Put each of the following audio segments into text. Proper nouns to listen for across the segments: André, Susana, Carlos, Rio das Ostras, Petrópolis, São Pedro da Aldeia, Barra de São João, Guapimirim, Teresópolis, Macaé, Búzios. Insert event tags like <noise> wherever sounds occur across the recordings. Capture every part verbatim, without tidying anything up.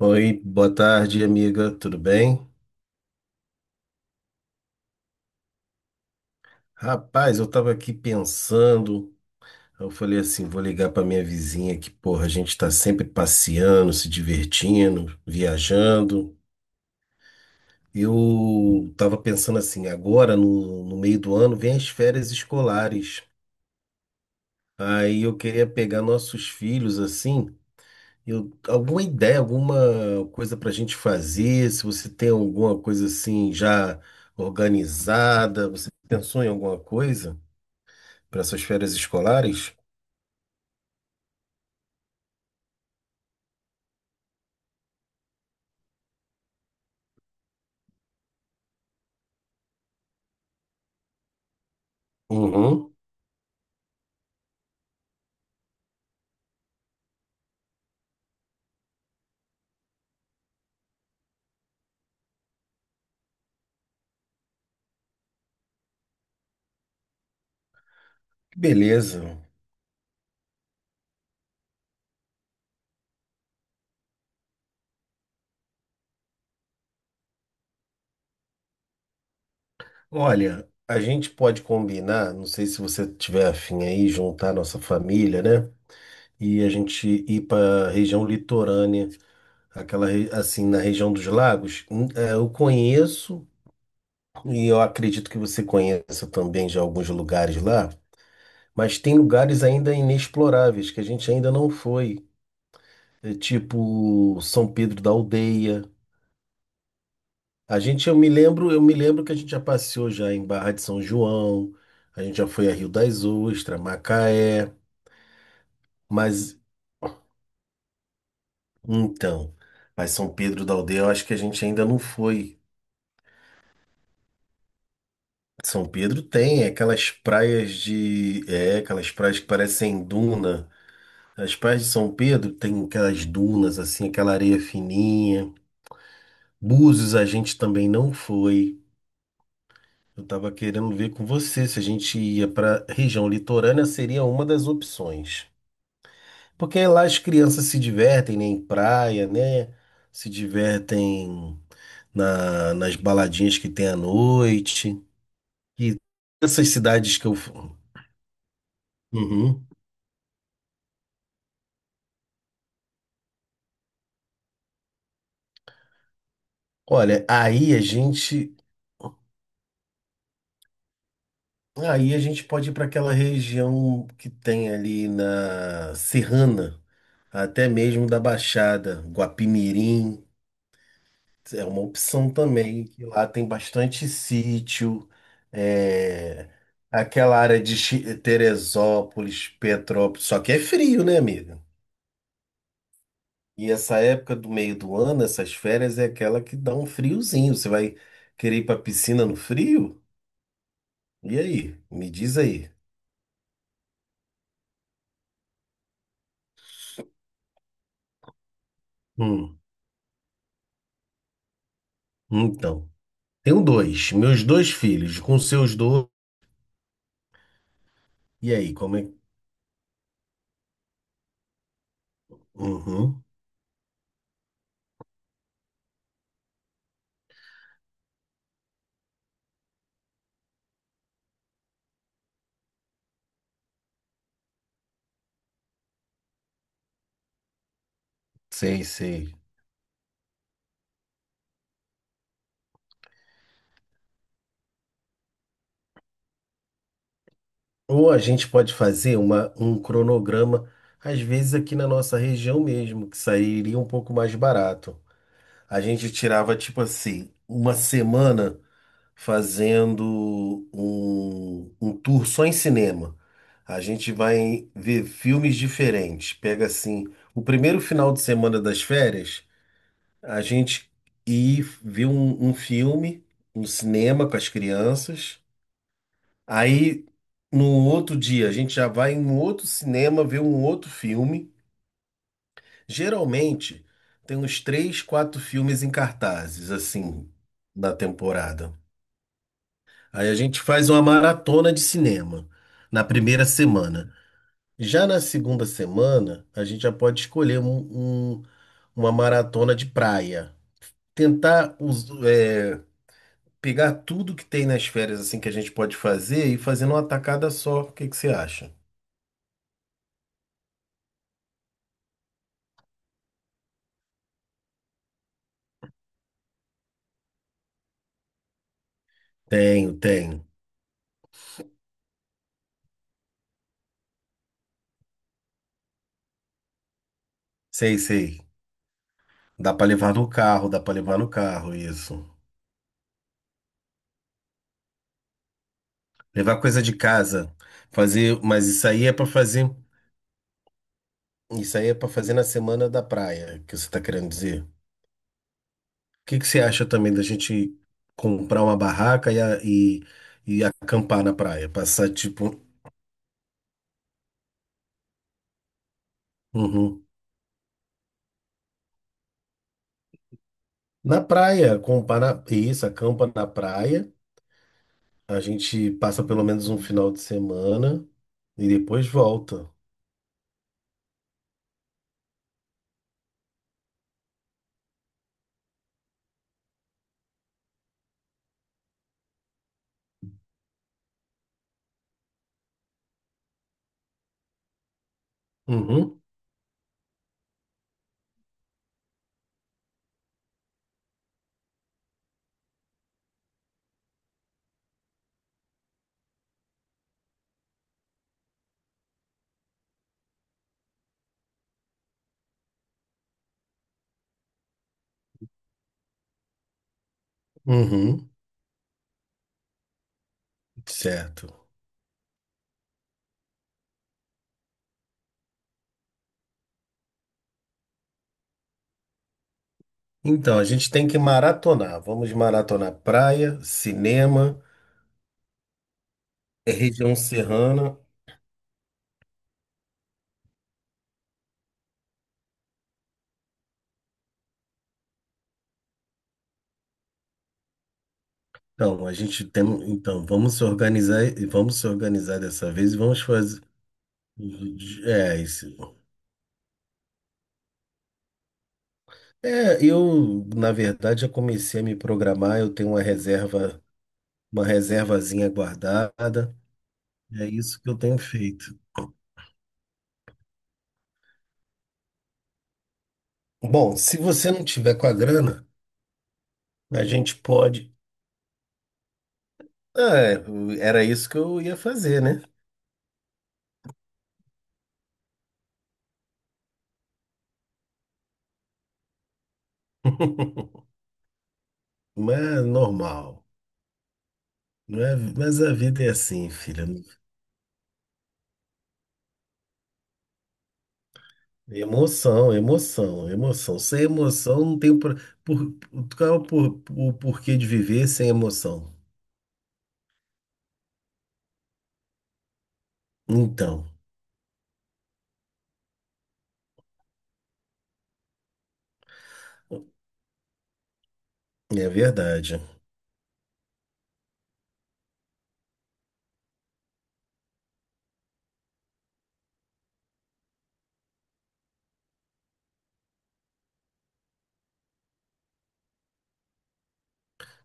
Oi, boa tarde, amiga. Tudo bem? Rapaz, eu tava aqui pensando, eu falei assim, vou ligar pra minha vizinha que, porra, a gente tá sempre passeando, se divertindo, viajando. Eu tava pensando assim, agora no, no meio do ano vem as férias escolares. Aí eu queria pegar nossos filhos assim, eu, alguma ideia, alguma coisa pra gente fazer, se você tem alguma coisa assim já organizada, você pensou em alguma coisa para suas férias escolares? Uhum. Beleza. Olha, a gente pode combinar, não sei se você tiver afim aí, juntar a nossa família, né? E a gente ir para a região litorânea, aquela re- assim, na região dos lagos. Hum, é, eu conheço e eu acredito que você conheça também já alguns lugares lá, mas tem lugares ainda inexploráveis que a gente ainda não foi. É tipo São Pedro da Aldeia. A gente, eu me lembro, eu me lembro que a gente já passeou já em Barra de São João, a gente já foi a Rio das Ostras, Macaé, mas então, mas São Pedro da Aldeia, eu acho que a gente ainda não foi. São Pedro tem é aquelas praias de, é, aquelas praias que parecem duna. As praias de São Pedro tem aquelas dunas assim, aquela areia fininha. Búzios a gente também não foi. Eu estava querendo ver com você se a gente ia para região litorânea, seria uma das opções. Porque lá as crianças se divertem, né, em praia, né? Se divertem na, nas baladinhas que tem à noite. E essas cidades que eu. fu- uhum. Olha, aí a gente. Aí a gente pode ir para aquela região que tem ali na Serrana, até mesmo da Baixada, Guapimirim. É uma opção também, que lá tem bastante sítio, é, aquela área de Chi- Teresópolis, Petrópolis, só que é frio, né, amiga? E essa época do meio do ano, essas férias, é aquela que dá um friozinho. Você vai querer ir pra piscina no frio? E aí? Me diz aí. Hum, então, tenho dois, meus dois filhos, com seus dois. E aí, como é? Uhum, sei, sei. Ou a gente pode fazer uma, um cronograma, às vezes aqui na nossa região mesmo, que sairia um pouco mais barato. A gente tirava, tipo assim, uma semana fazendo um, um tour só em cinema. A gente vai ver filmes diferentes. Pega assim, o primeiro final de semana das férias, a gente ir ver um, um filme no cinema com as crianças. Aí, no outro dia, a gente já vai em um outro cinema ver um outro filme. Geralmente, tem uns três, quatro filmes em cartazes, assim, na temporada. Aí a gente faz uma maratona de cinema na primeira semana. Já na segunda semana, a gente já pode escolher um, um- uma maratona de praia. Tentar us- é, pegar tudo que tem nas férias assim que a gente pode fazer e fazer numa tacada só. O que que você acha? Tenho, tenho. Sei, sei. Dá pra levar no carro, dá pra levar no carro, isso. Levar coisa de casa, fazer, mas isso aí é pra fazer, isso aí é para fazer na semana da praia, que você tá querendo dizer. O que que você acha também da gente comprar uma barraca e, a- e, e acampar na praia, passar tipo, uhum. Na praia, acampar na, isso, acampa na praia. A gente passa pelo menos um final de semana e depois volta. Uhum. Uhum. Certo. Então, a gente tem que maratonar. Vamos maratonar praia, cinema, eh, região serrana. Então, a gente tem, então, vamos se organizar e vamos se organizar dessa vez e vamos fazer. É, isso. É, eu, na verdade, já comecei a me programar, eu tenho uma reserva, uma reservazinha guardada. É isso que eu tenho feito. Bom, se você não tiver com a grana, a gente pode. Ah, é, era isso que eu ia fazer, né? <laughs> Mas é normal. Não é- mas a vida é assim, filha. Emoção, emoção, emoção. Sem emoção não tem por, por, qual é o por- o porquê de viver sem emoção. Então, é verdade.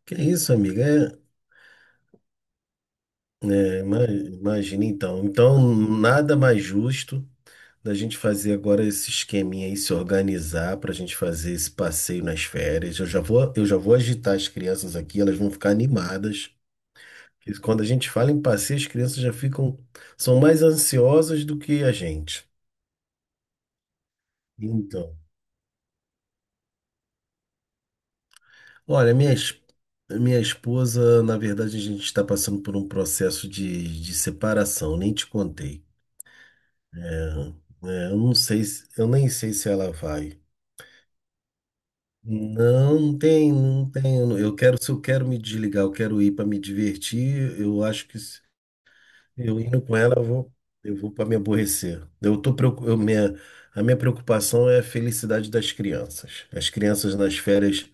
Que isso, amiga? É, é, ima- imagina então. Então, nada mais justo da gente fazer agora esse esqueminha aí, se organizar para a gente fazer esse passeio nas férias. Eu já vou, eu já vou agitar as crianças aqui, elas vão ficar animadas. Que quando a gente fala em passeio, as crianças já ficam, são mais ansiosas do que a gente. Então, olha, minha, es- minha esposa, na verdade, a gente está passando por um processo de, de separação, nem te contei. É, é, eu não sei, se- eu nem sei se ela vai. Não, não tem, não tem. Eu não- eu quero, se eu quero me desligar, eu quero ir para me divertir. Eu acho que eu indo com ela, eu vou, eu vou para me aborrecer. Eu tô, preocu- eu, minha, a minha preocupação é a felicidade das crianças. As crianças nas férias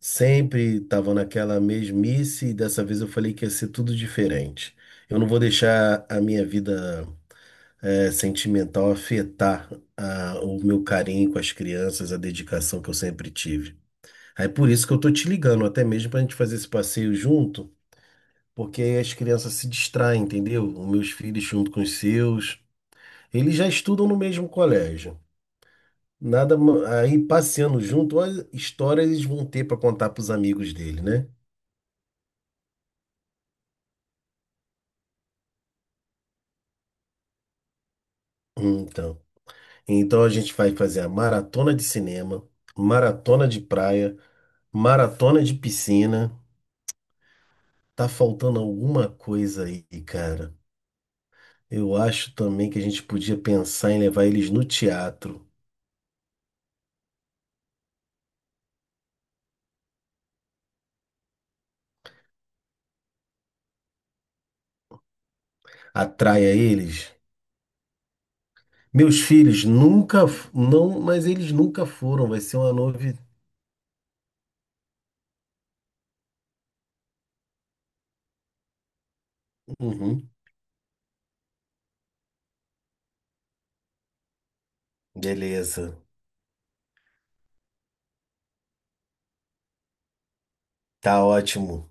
sempre estavam naquela mesmice e dessa vez eu falei que ia ser tudo diferente. Eu não vou deixar a minha vida eh, sentimental afetar a- o meu carinho com as crianças, a dedicação que eu sempre tive. Aí por isso que eu tô te ligando, até mesmo para a gente fazer esse passeio junto porque aí as crianças se distraem, entendeu? Os meus filhos junto com os seus, eles já estudam no mesmo colégio. Nada, ma- aí passeando junto, olha, histórias eles vão ter para contar para os amigos dele, né? Então, então a gente vai fazer a maratona de cinema, maratona de praia, maratona de piscina. Tá faltando alguma coisa aí, cara. Eu acho também que a gente podia pensar em levar eles no teatro. Atraia eles. Meus filhos nunca, f- não, mas eles nunca foram. Vai ser uma novidade. Beleza. Tá ótimo.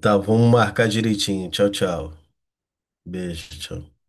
Tá, vamos marcar direitinho. Tchau, tchau. Beijo, tchau.